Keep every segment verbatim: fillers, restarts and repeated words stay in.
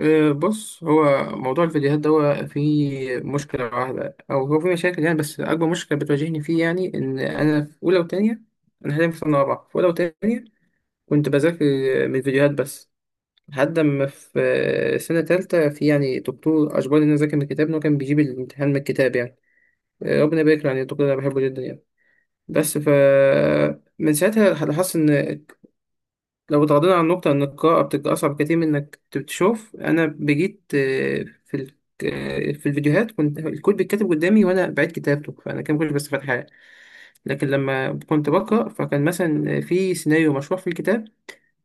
آه، بص، هو موضوع الفيديوهات ده هو فيه مشكلة واحدة أو هو فيه مشاكل يعني، بس أكبر مشكلة بتواجهني فيه يعني إن أنا في أولى وتانية. أنا حاليا في سنة رابعة. في أولى وتانية كنت بذاكر من الفيديوهات بس، لحد ما في آه، سنة تالتة في يعني دكتور أجبرني إن أنا أذاكر من الكتاب، إن هو كان بيجيب الامتحان من الكتاب يعني. آه، ربنا يبارك له، يعني الدكتور ده أنا بحبه جدا يعني. بس ف من ساعتها لاحظت إن، لو اتغاضينا عن النقطة إن القراءة بتبقى أصعب كتير من إنك تشوف، أنا بجيت آه، في ال... آه، في الفيديوهات كنت الكود بيتكتب قدامي وأنا بعيد كتابته، فأنا كان كنت بس فاتحة. لكن لما كنت بقرأ، فكان مثلا في سيناريو مشروع في الكتاب،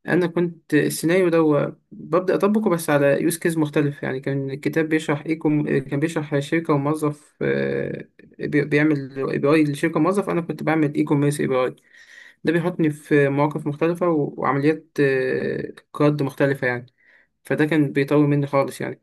أنا كنت السيناريو ده هو ببدأ أطبقه بس على يوز كيس مختلف. يعني كان الكتاب بيشرح إيه كم... كان بيشرح شركة وموظف، آه، بي- بيعمل اي بي اي لشركة موظف، أنا كنت بعمل اي كوميرس اي بي اي. ده بيحطني في مواقف مختلفة و- وعمليات آه، قياد مختلفة يعني. فده كان بيطول مني خالص يعني.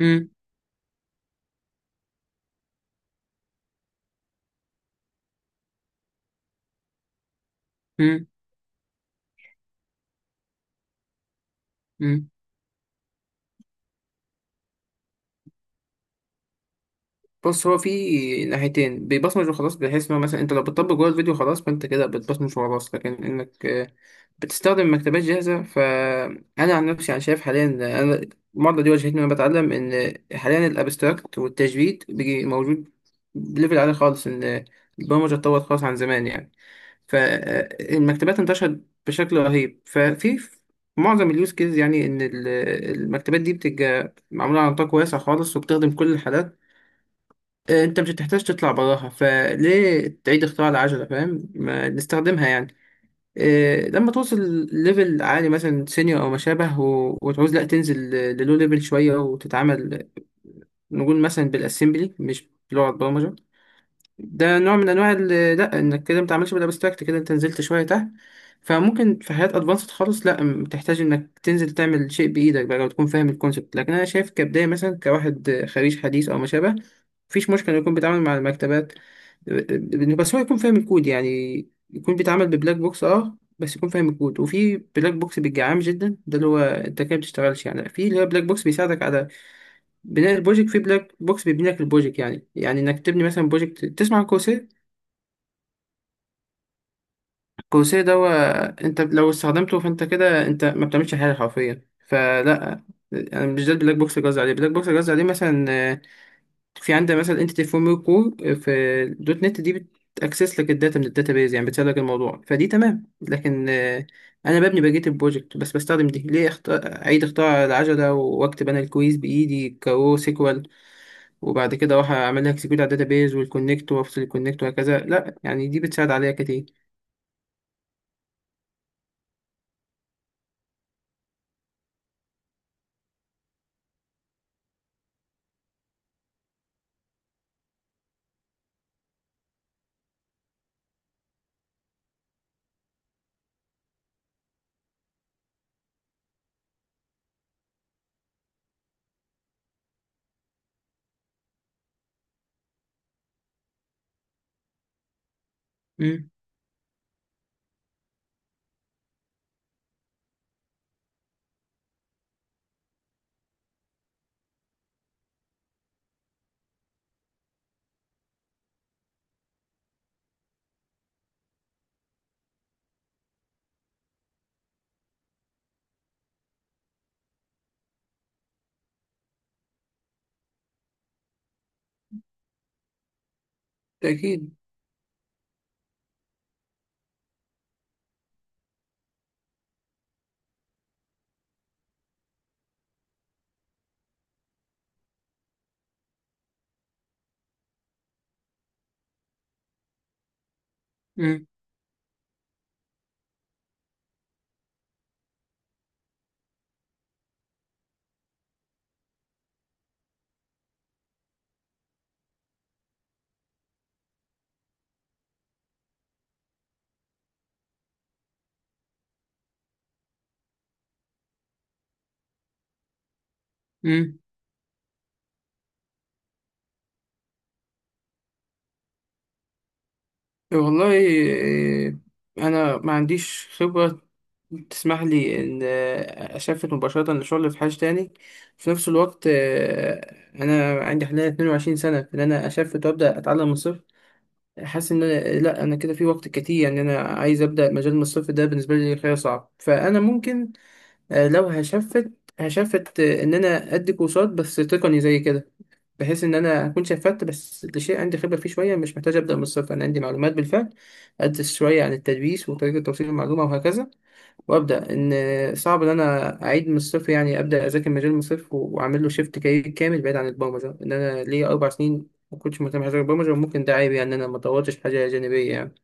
امم امم بص، هو في ناحيتين: بيبصمج وخلاص بحيث ان هو مثلا انت لو بتطبق جوه الفيديو خلاص فانت كده بتبصمج وخلاص، لكن انك آه، بتستخدم مكتبات جاهزه. فانا عن نفسي انا شايف حاليا، انا المعضله دي واجهتني وانا بتعلم، ان حاليا الابستراكت والتجريد بيجي موجود بليفل عالي خالص، ان البرمجه اتطورت خالص عن زمان يعني. فالمكتبات انتشرت بشكل رهيب، ففي معظم اليوز كيز يعني، ان ال- المكتبات دي بتبقى معموله على نطاق واسع خالص وبتخدم كل الحالات. آه، انت مش هتحتاج تطلع براها، فليه تعيد اختراع العجلة؟ فاهم، ما نستخدمها يعني. آه، لما توصل ليفل عالي مثلا سينيور او ما شابه و- وتعوز لا تنزل للو ليفل شوية وتتعامل نقول مثلا بالاسمبلي مش بلغة برمجة، ده نوع من انواع ال- لا، انك كده ما تعملش بالابستراكت، كده انت نزلت شويه تحت. فممكن في حاجات ادفانسد خالص لا م- بتحتاج انك تنزل تعمل شيء بايدك بقى، لو تكون فاهم الكونسبت. لكن انا شايف كبدايه مثلا، كواحد خريج حديث او ما شابه، مفيش مشكله إنه يكون بيتعامل مع المكتبات. آه، آه، بس هو يكون فاهم الكود. يعني يكون بيتعامل ببلاك بوكس، اه بس يكون فاهم الكود. وفي بلاك بوكس بيبقى عام جدا ده اللي هو انت كده ما بتشتغلش يعني. لا، في اللي هو بلاك بوكس بيساعدك على بناء البروجكت، في بلاك بوكس بيبني لك البروجكت يعني. يعني انك تبني مثلا بروجكت، تسمع عن coursera؟ الكروسيه ده هو، انت لو استخدمته فانت كده انت ما بتعملش حاجه حرفيا. فلا، انا مش ده البلاك بوكس اللي قصدي عليه. البلاك بوكس اللي قصدي عليه مثلا، آه، في عندك مثلا انتيتي فورم كور في دوت نت دي، بتاكسس لك الداتا من الداتابيز، يعني بتسهل لك الموضوع، فدي تمام. لكن آه، انا ببني بقيه البروجكت بس بستخدم دي، ليه أخت... اعيد اختراع العجله واكتب انا الكويز بايدي كرو سيكوال، وبعد كده اروح اعمل لها اكسكيوت على الداتابيز والكونكت وافصل الكونكت وهكذا؟ لا يعني، دي بتساعد عليا كتير. امم اكيد. مم. والله إيه، انا ما عنديش خبره تسمح لي ان آه، اسافر مباشره لشغل في حاجه تاني. في نفس الوقت آه، انا عندي حاليا اتنين وعشرين سنه، ان انا اسافر وابدا اتعلم من الصفر حاسس ان أنا لا انا كده في وقت كتير يعني. انا عايز ابدا مجال من الصفر، ده بالنسبه لي خيار صعب. فانا ممكن آه، لو هشفت هشفت آه، ان انا ادي كورسات بس تقني زي كده، بحيث ان انا اكون شفت بس لشيء عندي خبره فيه شويه، مش محتاج ابدا من الصفر، انا عندي معلومات بالفعل. ادرس شويه عن التدريس وطريقه توصيل المعلومه وهكذا وابدا. ان صعب ان انا اعيد من الصفر يعني، ابدا اذاكر مجال من الصفر و- واعمل له شيفت كارير كامل بعيد عن البرمجه. ان انا ليا اربع سنين ما كنتش مهتم بحاجه غير البرمجه، وممكن ده عيب يعني، ان انا ما طورتش حاجه جانبيه يعني.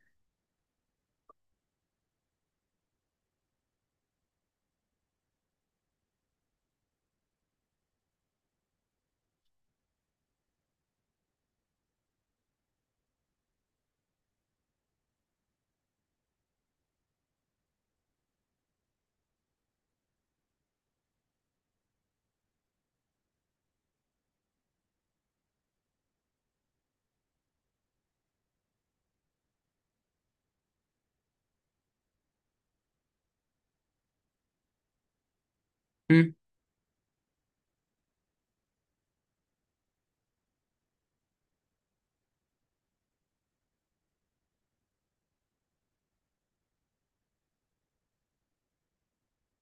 مم.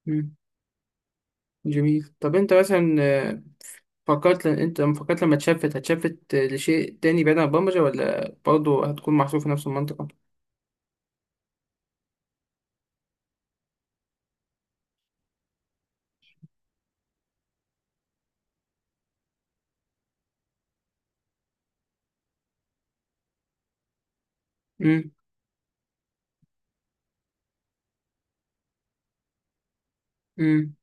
مم. جميل. طب انت مثلا فكرت، لأن انت لما فكرت لما اتشفت هتشفت لشيء تاني بعيد عن البرمجة ولا برضه هتكون محصور في نفس المنطقة؟ امم امم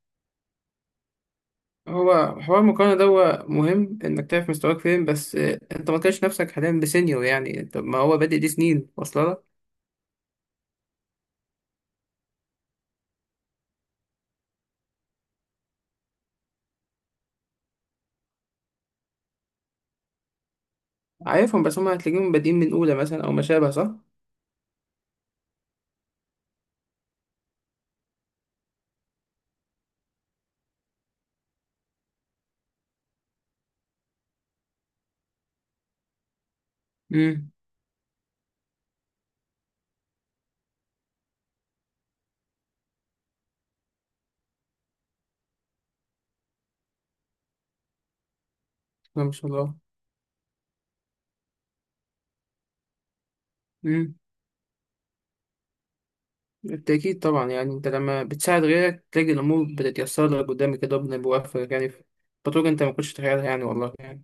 هو حوار المقارنة ده هو مهم انك تعرف مستواك فين، بس آه، انت ما تلاقيش نفسك حاليا بسينيور يعني، انت ما هو بادئ، دي سنين واصله لك. عارفهم، بس هم هتلاقيهم بادئين من اولى مثلا او ما شابه، صح؟ امم ما شاء الله. امم بالتأكيد طبعا يعني. انت لما بتساعد غيرك تلاقي الامور بتتيسر لك قدامك كده، ربنا بيوفقك يعني في بطرق انت ما كنتش تتخيلها يعني، والله يعني.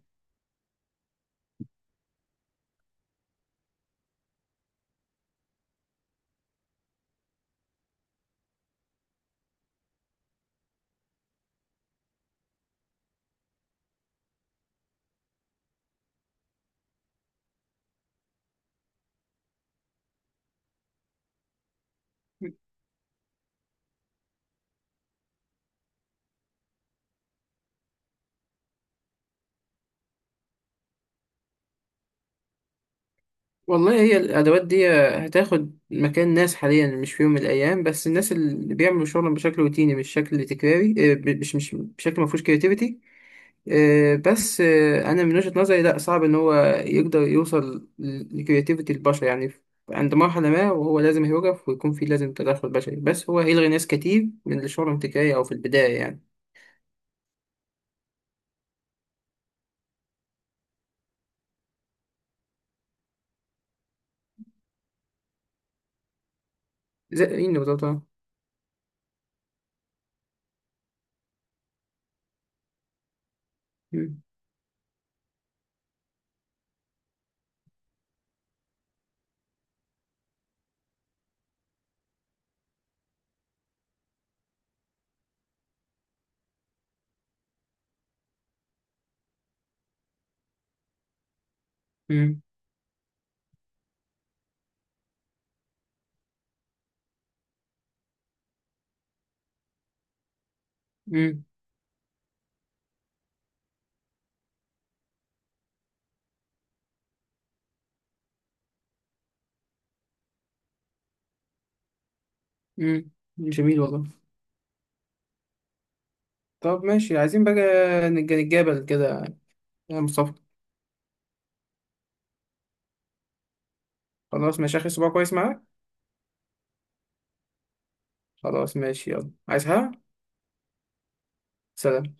والله، هي الأدوات دي هتاخد مكان ناس حاليا، مش في يوم من الأيام، بس الناس اللي بيعملوا شغلهم بشكل روتيني، مش شكل تكراري، آه، ب- مش مش بشكل ما فيهوش كرياتيفيتي. بس آه، أنا من وجهة نظري لأ، صعب إن هو يقدر يوصل لكرياتيفيتي البشر يعني. ف- عند مرحلة ما وهو لازم يوقف ويكون فيه لازم تدخل بشري، بس هو هيلغي ناس كتير من اللي شغلهم تكراري أو في البداية يعني. زي إيه بالظبط آه. مم، مم، مم، مم. جميل والله. طب ماشي، عايزين بقى نتج- نتجابل كده يا مصطفى. خلاص ماشي، آخر أسبوع كويس معاك. خلاص ماشي، يلا عايز حاجة؟ سلام.